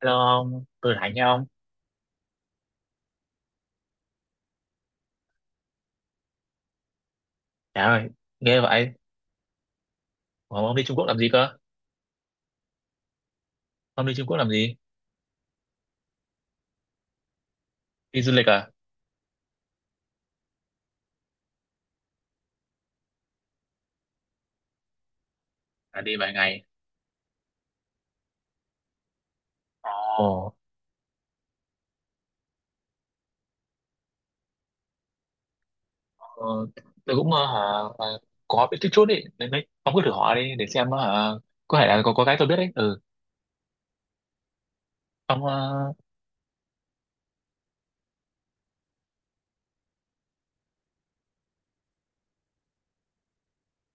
Hello ông, tôi là Thành nha ông. Trời ơi, ghê vậy. Ủa, ông đi Trung Quốc làm gì cơ? Ông đi Trung Quốc làm gì? Đi du lịch à? À đi vài ngày. Ồ, ờ, tôi cũng hả, ờ, có biết chút chút ý. Nên đấy, ông cứ thử hỏi đi để xem hả, có thể là có cái tôi biết đấy. Ừ, ông,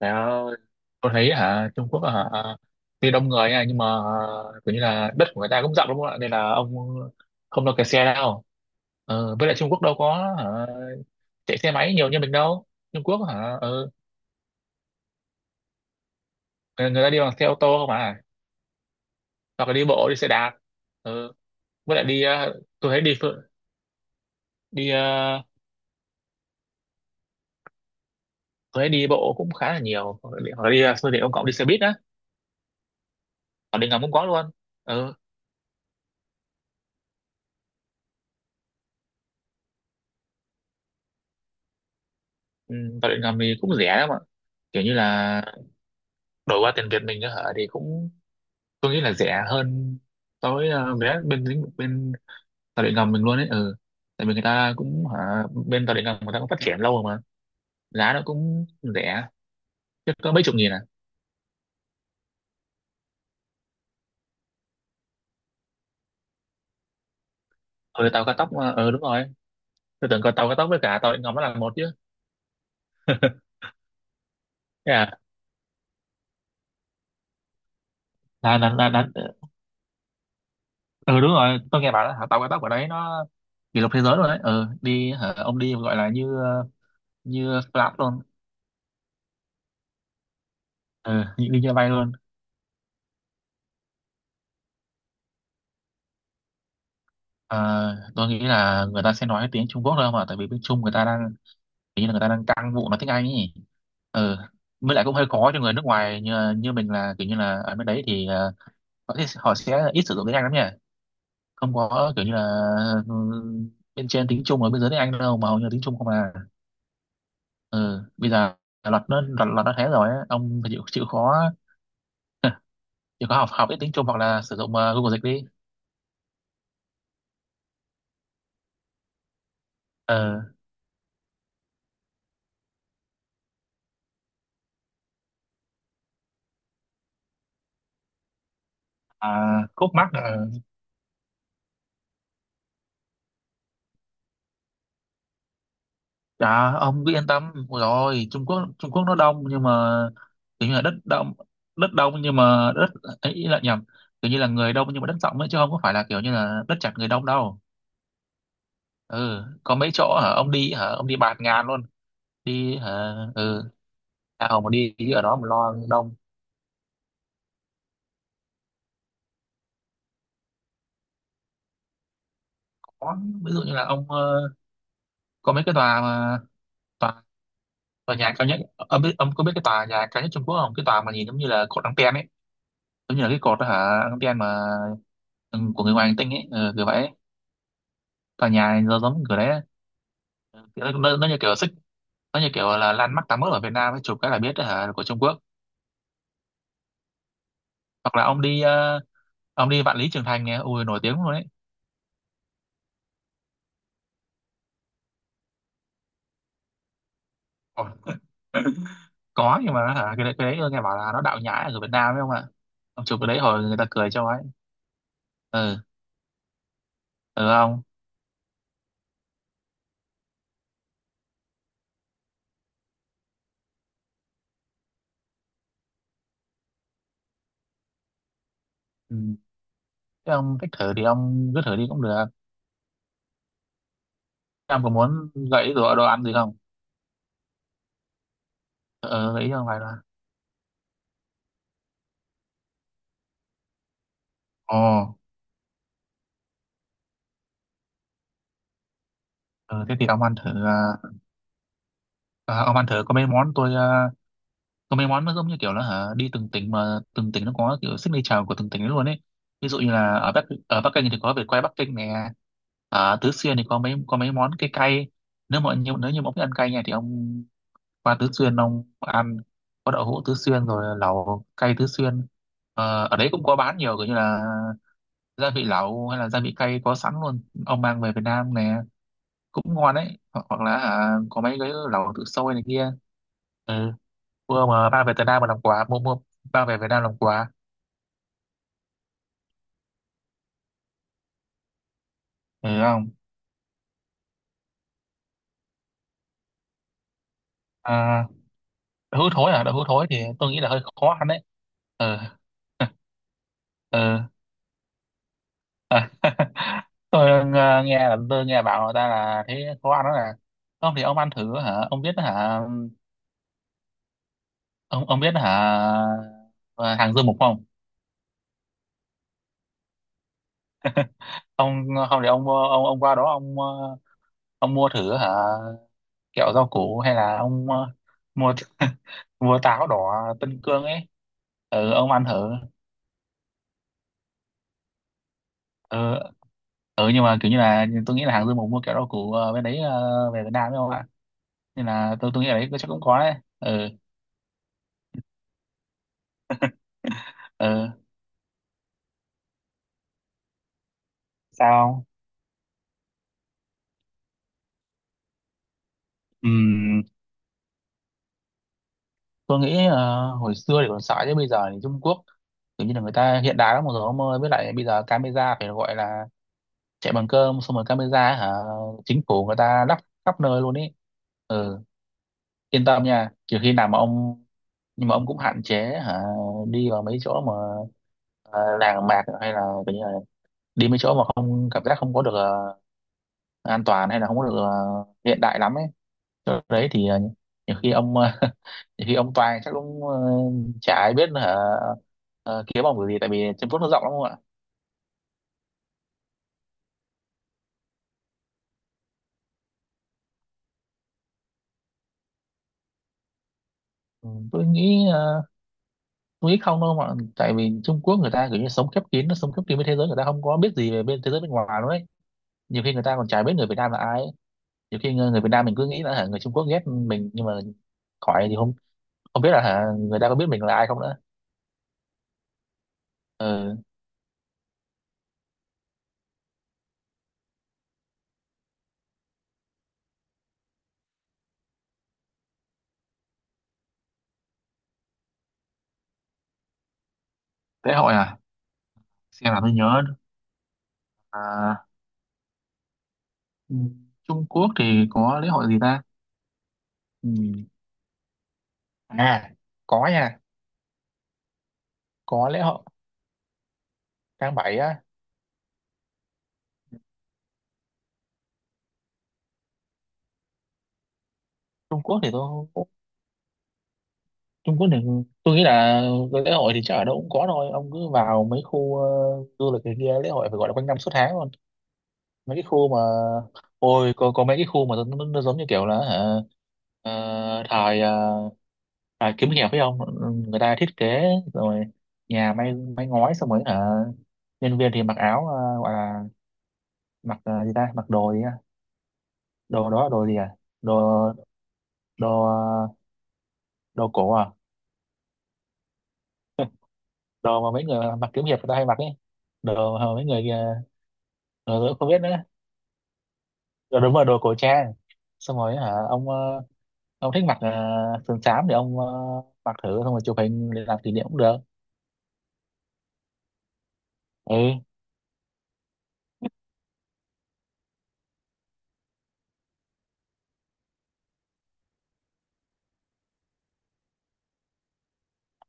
trời ơi, tôi thấy hả, Trung Quốc hả, tuy đông người nha, nhưng mà kiểu như là đất của người ta cũng rộng đúng không ạ? Nên là ông không lo kẹt xe đâu. Ờ, với lại Trung Quốc đâu có hả, chạy xe máy nhiều như mình đâu. Trung Quốc hả, ừ, người ta đi bằng xe ô tô không à, hoặc là đi bộ đi xe đạp. Ừ. Với lại đi tôi thấy đi tôi thấy đi bộ cũng khá là nhiều, hoặc là đi phương tiện công cộng đi xe buýt á, hoặc điện ngầm cũng có luôn. Ừ. Ừ. Tàu điện ngầm thì cũng rẻ lắm ạ, kiểu như là đổi qua tiền Việt mình nữa hả thì cũng tôi nghĩ là rẻ hơn so với vé bên lĩnh bên tàu điện ngầm mình luôn ấy. Ừ, tại vì người ta cũng hả bên tàu điện ngầm người ta cũng phát triển lâu rồi mà, giá nó cũng rẻ, chứ có mấy chục nghìn à. Ừ, tàu cao tốc mà, ừ đúng rồi, tôi tưởng có tàu cao tốc với cả tàu điện ngầm nó là một chứ. Thế à. là, là, là, là, ừ đúng rồi, tôi nghe bảo là hả, tàu cao tốc của đấy nó kỷ lục thế giới rồi đấy. Ừ đi hả, ông đi gọi là như như flat luôn. Ừ, đi như bay luôn. Ờ, tôi nghĩ là người ta sẽ nói tiếng Trung Quốc thôi mà, tại vì bên Trung người ta đang, hình như là người ta đang căng vụ nói tiếng Anh ấy. Ừ, với lại cũng hơi khó cho người nước ngoài như mình, là kiểu như là ở bên đấy thì họ sẽ ít sử dụng tiếng Anh lắm nhỉ. Không có kiểu như là ừ, bên trên tiếng Trung ở bên dưới tiếng Anh đâu, mà hầu như là tiếng Trung không à. Ừ. Bây giờ luật nó thế rồi á. Ông phải chịu chịu khó. Chịu khó học học ít tiếng Trung hoặc là sử dụng Google dịch đi. Ờ. À, khúc mắc là. Dạ, ông cứ yên tâm. Ôi rồi, Trung Quốc nó đông nhưng mà kiểu như là đất đông, đất đông nhưng mà đất ấy, ý là nhầm, kiểu như là người đông nhưng mà đất rộng ấy, chứ không có phải là kiểu như là đất chật người đông đâu. Ừ, có mấy chỗ hả ông đi hả, ông đi bạt ngàn luôn, đi hả ừ. À, ông mà đi ở đó mà lo đông. Có. Ví dụ như là ông có mấy cái tòa mà, tòa, tòa nhà cao nhất, ông có biết cái tòa nhà cao nhất Trung Quốc không, cái tòa mà nhìn giống như là cột anten ấy, giống như là cái cột đó hả, anten mà, ừ, của người ngoài hành tinh ấy, ừ, kiểu vậy ấy. Tòa nhà nó giống kiểu đấy ấy. Ừ, kiểu nó như kiểu xích, nó như kiểu là landmark 81 ở Việt Nam ấy, chụp cái là biết đó hả là của Trung Quốc. Hoặc là ông đi ông đi Vạn Lý Trường Thành nè, ui nổi tiếng luôn đấy. Ôi, có nhưng mà hả cái đấy nghe bảo là nó đạo nhái ở Việt Nam ấy không ạ. Ông chụp cái đấy hồi người ta cười cho ấy. Ừ. Ừ ông. Ừ. Thế ông thích thử thì ông cứ thử đi cũng được. Em có muốn gãy đồ ăn gì không? Ờ, gãy không phải là. Ồ, ờ, thế thì ông ăn thử. Ông ăn thử có mấy món tôi. À, có mấy món nó giống như kiểu là hả, đi từng tỉnh mà từng tỉnh nó có kiểu signature của từng tỉnh ấy luôn ấy. Ví dụ như là ở Bắc Kinh thì có vịt quay Bắc Kinh nè. Ở Tứ Xuyên thì có mấy món cái cay. Nếu như mà ông thích ăn cay nha thì ông qua Tứ Xuyên ông ăn có đậu hũ Tứ Xuyên rồi lẩu cay Tứ Xuyên. Ờ, ở đấy cũng có bán nhiều kiểu như là gia vị lẩu hay là gia vị cay có sẵn luôn, ông mang về Việt Nam nè, cũng ngon đấy, hoặc là hả, có mấy cái lẩu tự sôi này kia. Ừ, mua mà mang về Việt Nam mà làm quà, mua mua mang về Việt Nam làm quà. Ừ không. À, đậu hũ thối thì tôi nghĩ là hơi khó ăn đấy. Ừ. Ừ. À, tôi nghe là tôi nghe bảo người ta là thấy khó ăn đó nè. Không thì ông ăn thử hả, ông biết hả? Ông biết hả? Ờ, hàng dưa mục không? Ông không để ông qua đó ông, ông mua thử hả, kẹo rau củ hay là ông mua mua táo đỏ Tân Cương ấy. Ừ, ông ăn thử. Ừ, ừ nhưng mà kiểu như là tôi nghĩ là hàng Dương Mục mua kẹo rau củ bên đấy về Việt Nam đấy không ạ. Nên là tôi nghĩ ở đấy chắc cũng có đấy. Ừ. Ừ. Sao? Ừm, tôi nghĩ hồi xưa thì còn sợ chứ bây giờ thì Trung Quốc kiểu như là người ta hiện đại lắm rồi ông ơi, với lại bây giờ camera phải gọi là chạy bằng cơm, xong rồi camera hả, chính phủ người ta lắp khắp nơi luôn ý. Ừ. Yên tâm nha, kiểu khi nào mà ông, nhưng mà ông cũng hạn chế hả đi vào mấy chỗ mà làng mạc hay là kiểu như là đi mấy chỗ mà không cảm giác không có được an toàn hay là không có được hiện đại lắm ấy. Chỗ đấy thì nhiều khi ông nhiều khi ông toàn chắc cũng chả ai biết là hả, kiếm ông cái gì tại vì Trung Quốc nó rộng lắm không ạ. Ừ, tôi nghĩ không đâu mà, tại vì Trung Quốc người ta kiểu như sống khép kín, nó sống khép kín với thế giới, người ta không có biết gì về bên thế giới bên ngoài luôn ấy. Nhiều khi người ta còn chả biết người Việt Nam là ai ấy. Nhiều khi người Việt Nam mình cứ nghĩ là hả, người Trung Quốc ghét mình nhưng mà khỏi thì không, không biết là hả, người ta có biết mình là ai không nữa. Ừ. Lễ hội à? Xem là tôi nhớ à, ừ, Trung Quốc thì có lễ hội gì ta. Ừ. À có nha, có lễ hội tháng 7 á. Trung Quốc thì tôi Trung Quốc thì tôi nghĩ là lễ hội thì chắc ở đâu cũng có thôi, ông cứ vào mấy khu du lịch này kia, lễ hội phải gọi là quanh năm suốt tháng luôn. Mấy cái khu mà ôi có mấy cái khu mà nó giống như kiểu là hả, ờ, thời ờ, thời kiếm hiệp phải không, người ta thiết kế, rồi nhà may may ngói xong rồi hả, nhân viên thì mặc áo gọi là, mặc gì ta, mặc đồ gì á, đồ đó là đồ gì à, đồ đồ ờ, đồ cổ à. Đồ mà mấy người mặc kiếm hiệp người ta hay mặc ấy, đồ mà mấy người ờ tôi cũng không biết nữa, rồi đúng rồi đồ cổ trang. Xong rồi hả ông ông thích mặc sườn xám thì ông mặc thử xong rồi chụp hình để làm kỷ niệm cũng được. Ừ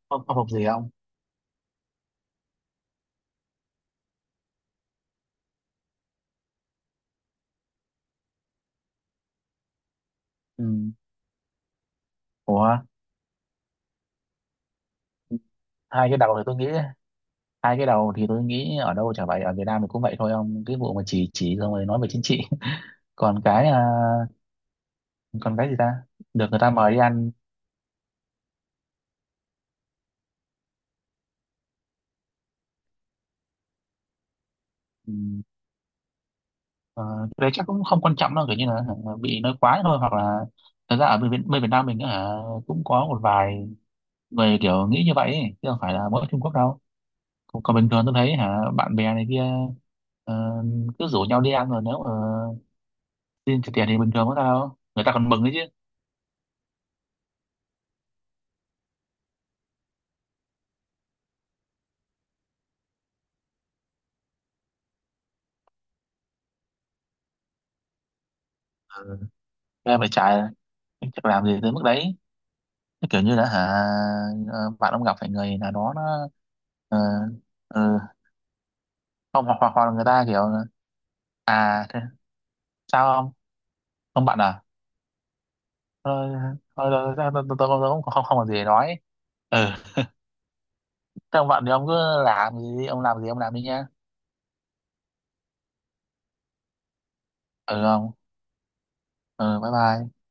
không, không phục gì không. Ừ. Ủa. hai cái đầu thì tôi nghĩ Hai cái đầu thì tôi nghĩ ở đâu chả vậy, ở Việt Nam thì cũng vậy thôi ông, cái vụ mà chỉ xong rồi nói về chính trị. còn cái à, còn cái gì ta, được người ta mời đi ăn. Ừ, ờ, cái đấy chắc cũng không quan trọng đâu, kiểu như là hả bị nói quá thôi, hoặc là thật ra ở bên Việt Nam mình á hả, cũng có một vài người kiểu nghĩ như vậy ấy, chứ không phải là mỗi Trung Quốc đâu. Còn còn bình thường tôi thấy hả, bạn bè này kia ờ, cứ rủ nhau đi ăn rồi nếu mà xin trả tiền thì bình thường có sao đâu, người ta còn mừng đấy chứ. Ờ, ra phải trả, chắc làm gì tới mức đấy. Cái kiểu như là hả bạn ông gặp phải người nào đó nó ờ, ờ, không, hoặc hoặc hoặc là người ta kiểu là, à thế, sao không, không bạn à, thôi thôi thôi thôi, tôi cũng không không không có gì để nói. Ừ. Thế ông bạn thì ông cứ làm gì đi, ông làm đi nha. Ừ không. Ờ, bye bye